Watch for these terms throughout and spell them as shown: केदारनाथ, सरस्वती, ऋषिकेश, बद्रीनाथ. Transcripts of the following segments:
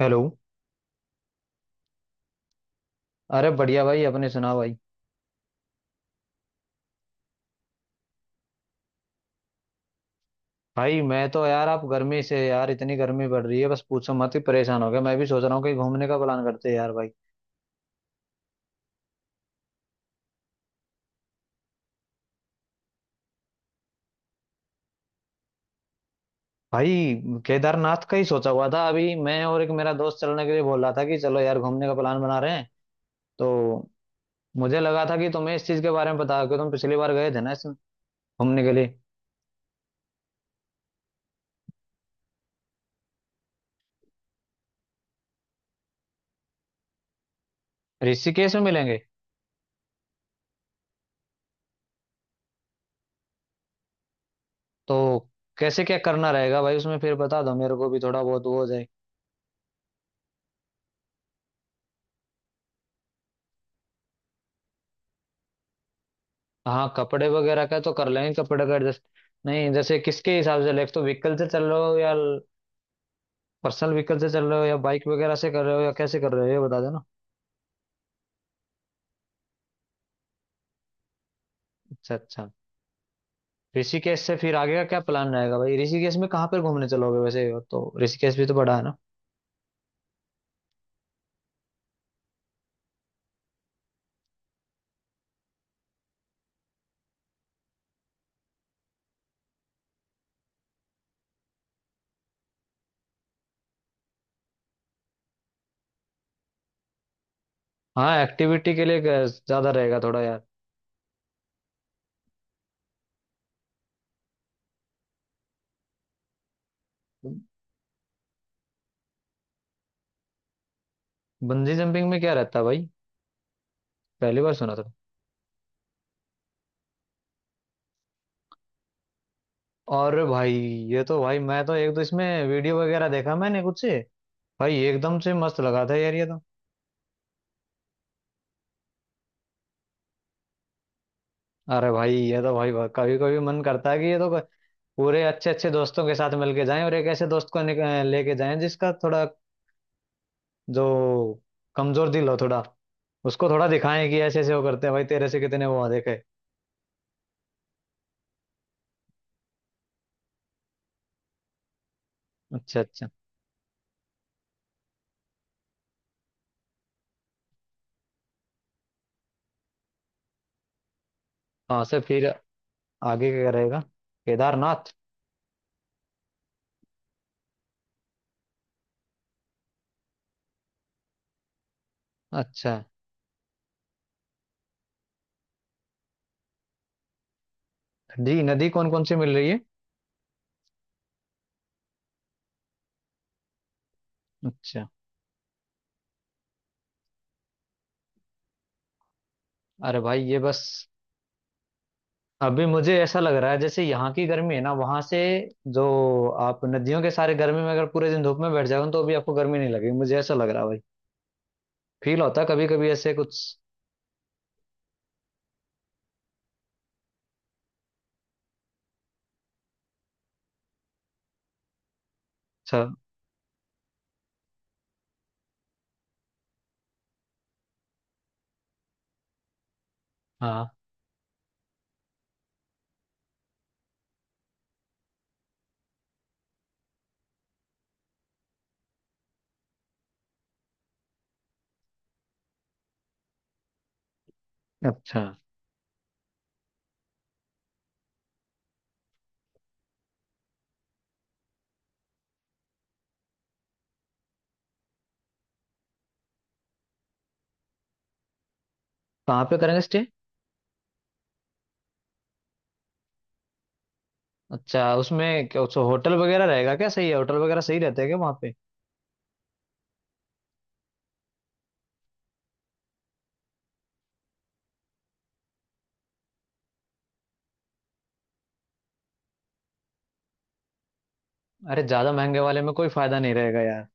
Hello. अरे बढ़िया भाई। अपने सुनाओ भाई। भाई मैं तो यार, आप गर्मी से यार, इतनी गर्मी पड़ रही है, बस पूछो मत, ही परेशान हो गया। मैं भी सोच रहा हूँ कहीं घूमने का प्लान करते हैं यार भाई। भाई केदारनाथ का ही सोचा हुआ था। अभी मैं और एक मेरा दोस्त चलने के लिए बोल रहा था कि चलो यार घूमने का प्लान बना रहे हैं। तो मुझे लगा था कि तुम्हें इस चीज के बारे में पता है, कि तुम पिछली बार गए थे ना इसमें घूमने के लिए। ऋषिकेश में मिलेंगे। तो कैसे क्या करना रहेगा भाई उसमें? फिर बता दो, मेरे को भी थोड़ा बहुत वो हो जाए। हाँ, कपड़े वगैरह का तो कर लेंगे, कपड़े का एडजस्ट। नहीं, जैसे किसके हिसाब से, लाइक तो व्हीकल से चल रहे हो, या पर्सनल व्हीकल से चल रहे हो, या बाइक वगैरह से कर रहे हो, या कैसे कर रहे हो ये बता देना। अच्छा, अच्छा। ऋषिकेश से फिर आगे का क्या प्लान रहेगा भाई? ऋषिकेश में कहाँ पर घूमने चलोगे वैसे? और तो ऋषिकेश भी तो बड़ा है ना। हाँ, एक्टिविटी के लिए ज्यादा रहेगा थोड़ा यार। बंजी जंपिंग में क्या रहता है भाई? पहली बार सुना था। और भाई, ये तो भाई मैं तो एक दो इसमें वीडियो वगैरह देखा मैंने कुछ से। भाई एकदम से मस्त लगा था यार ये तो। अरे भाई, ये तो भाई कभी कभी मन करता है कि पूरे अच्छे अच्छे दोस्तों के साथ मिलके जाएं, और एक ऐसे दोस्त को लेके जाएं जिसका थोड़ा, जो कमजोर दिल हो थोड़ा, उसको थोड़ा दिखाएं कि ऐसे ऐसे वो करते हैं भाई, तेरे से कितने वो देखे। अच्छा, अच्छा। हाँ, से फिर आगे क्या रहेगा, केदारनाथ? अच्छा। नदी नदी कौन कौन सी मिल रही है? अच्छा। अरे भाई ये बस। अभी मुझे ऐसा लग रहा है, जैसे यहाँ की गर्मी है ना वहां से, जो आप नदियों के सारे, गर्मी में अगर पूरे दिन धूप में बैठ जाओ तो अभी आपको गर्मी नहीं लगेगी, मुझे ऐसा लग रहा है। फील होता कभी कभी ऐसे कुछ। अच्छा, हाँ। अच्छा, कहाँ पे करेंगे स्टे? अच्छा, उसमें क्या उस होटल वगैरह रहेगा क्या? सही है होटल वगैरह? सही रहते हैं क्या वहाँ पे? अरे, ज्यादा महंगे वाले में कोई फायदा नहीं रहेगा यार।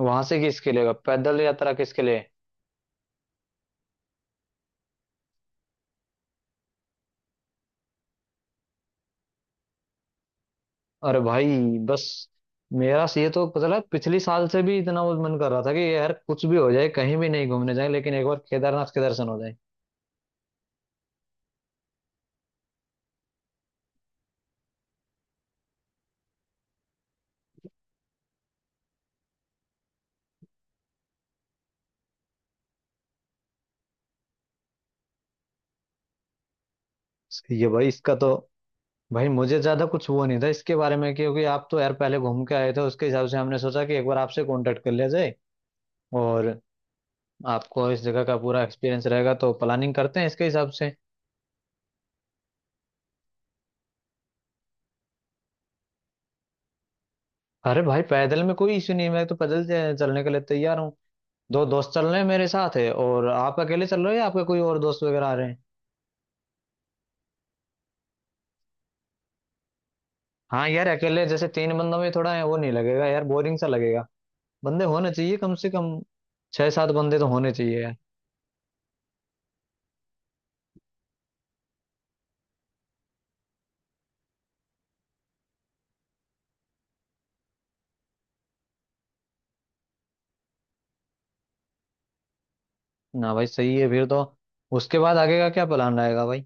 वहां से किसके लिए होगा? पैदल यात्रा किसके लिए? अरे भाई बस। मेरा से ये तो पता लगा, पिछली साल से भी इतना वो मन कर रहा था, कि यार कुछ भी हो जाए कहीं भी नहीं घूमने जाए, लेकिन एक बार केदारनाथ के दर्शन हो जाए। ये भाई इसका तो। भाई मुझे ज्यादा कुछ वो नहीं था इसके बारे में, क्योंकि आप तो यार पहले घूम के आए थे, उसके हिसाब से हमने सोचा कि एक बार आपसे कांटेक्ट कर लिया जाए, और आपको इस जगह का पूरा एक्सपीरियंस रहेगा, तो प्लानिंग करते हैं इसके हिसाब से। अरे भाई, पैदल में कोई इश्यू नहीं है, मैं तो पैदल चलने के लिए तैयार हूँ। दो दोस्त चल रहे हैं मेरे साथ है, और आप अकेले चल रहे हो या आपके कोई और दोस्त वगैरह आ रहे हैं? हाँ यार, अकेले जैसे तीन बंदों में थोड़ा है, वो नहीं लगेगा यार, बोरिंग सा लगेगा। बंदे होने चाहिए कम से कम। छह सात बंदे तो होने चाहिए यार। ना भाई, सही है फिर तो। उसके बाद आगे का क्या प्लान रहेगा भाई?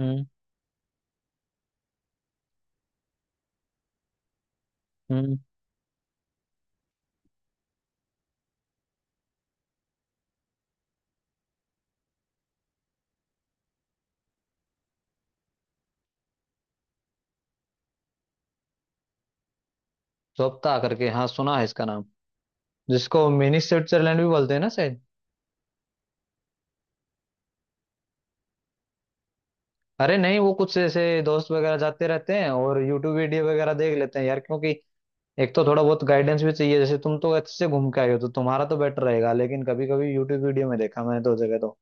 हम्म। हम्म। जोप्ता करके, हाँ सुना है इसका नाम। जिसको मिनी स्विट्जरलैंड भी बोलते हैं ना शायद? अरे नहीं, वो कुछ ऐसे दोस्त वगैरह जाते रहते हैं और यूट्यूब वीडियो वगैरह देख लेते हैं यार, क्योंकि एक तो थोड़ा बहुत गाइडेंस भी चाहिए, जैसे तुम तो अच्छे से घूम के आए हो तो तुम्हारा तो बेटर रहेगा। लेकिन कभी कभी यूट्यूब वीडियो में देखा मैंने, दो जगह तो।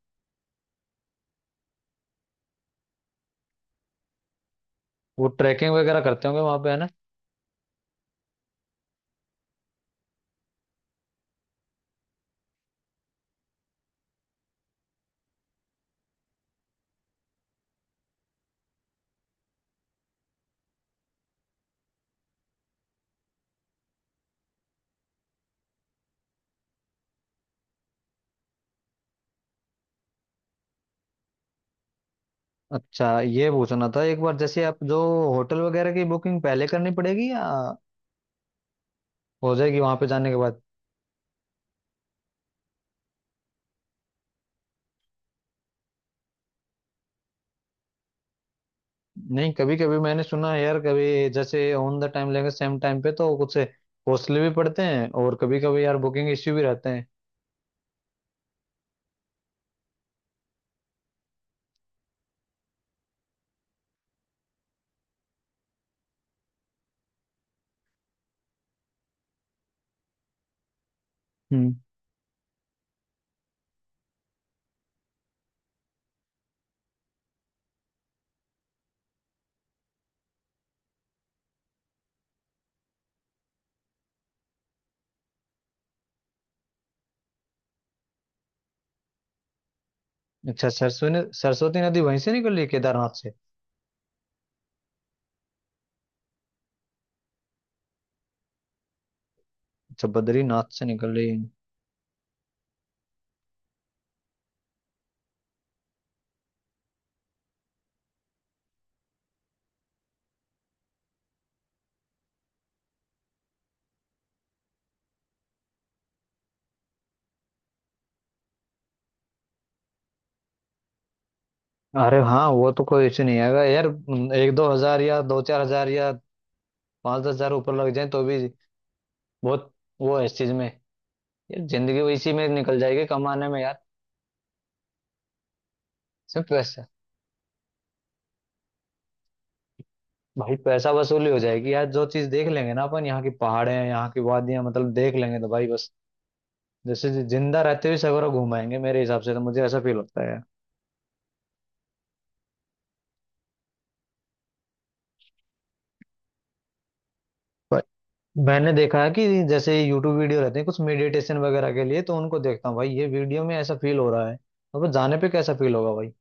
वो ट्रैकिंग वगैरह करते होंगे वहां पे है ना? अच्छा, ये पूछना था एक बार, जैसे आप जो होटल वगैरह की बुकिंग पहले करनी पड़ेगी, या हो जाएगी वहां पे जाने के बाद? नहीं, कभी कभी मैंने सुना है यार, कभी जैसे ऑन द टाइम लेंगे सेम टाइम पे तो कुछ कॉस्टली भी पड़ते हैं, और कभी कभी यार बुकिंग इश्यू भी रहते हैं। हम्म। अच्छा, सरसों ने सरस्वती नदी वहीं से निकल रही है केदारनाथ से? अच्छा, बद्रीनाथ से निकल रही है। अरे हाँ, वो तो कोई इश्यू नहीं आएगा यार। 1-2 हजार, या 2-4 हजार, या 5-10 हजार ऊपर लग जाए तो भी बहुत वो है इस चीज में, यार जिंदगी इसी में निकल जाएगी कमाने में यार। सिर्फ पैसा। भाई पैसा वसूली हो जाएगी यार, जो चीज देख लेंगे ना अपन, यहाँ की पहाड़े हैं यहाँ की वादियां मतलब, देख लेंगे तो भाई बस। जैसे जिंदा रहते हुए सगोरा घुमाएंगे मेरे हिसाब से, तो मुझे ऐसा फील होता है। पर मैंने देखा है कि जैसे यूट्यूब वीडियो रहते हैं कुछ मेडिटेशन वगैरह के लिए, तो उनको देखता हूँ भाई, ये वीडियो में ऐसा फील हो रहा है। अब जाने पे कैसा फील होगा भाई?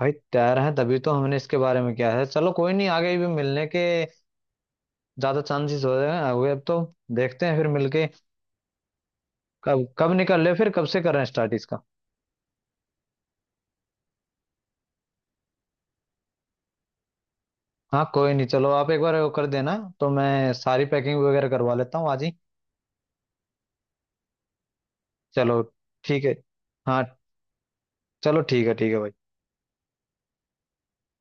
भाई तैयार है तभी तो हमने इसके बारे में किया है। चलो कोई नहीं, आगे भी मिलने के ज्यादा चांसेस हो रहे हैं हुए अब तो। देखते हैं फिर मिलके। कब कब निकल ले फिर? कब से कर रहे हैं स्टार्ट इसका? हाँ कोई नहीं, चलो आप एक बार वो कर देना। तो मैं सारी पैकिंग वगैरह करवा लेता हूँ आज ही। चलो ठीक है। हाँ। चलो ठीक है, ठीक है भाई।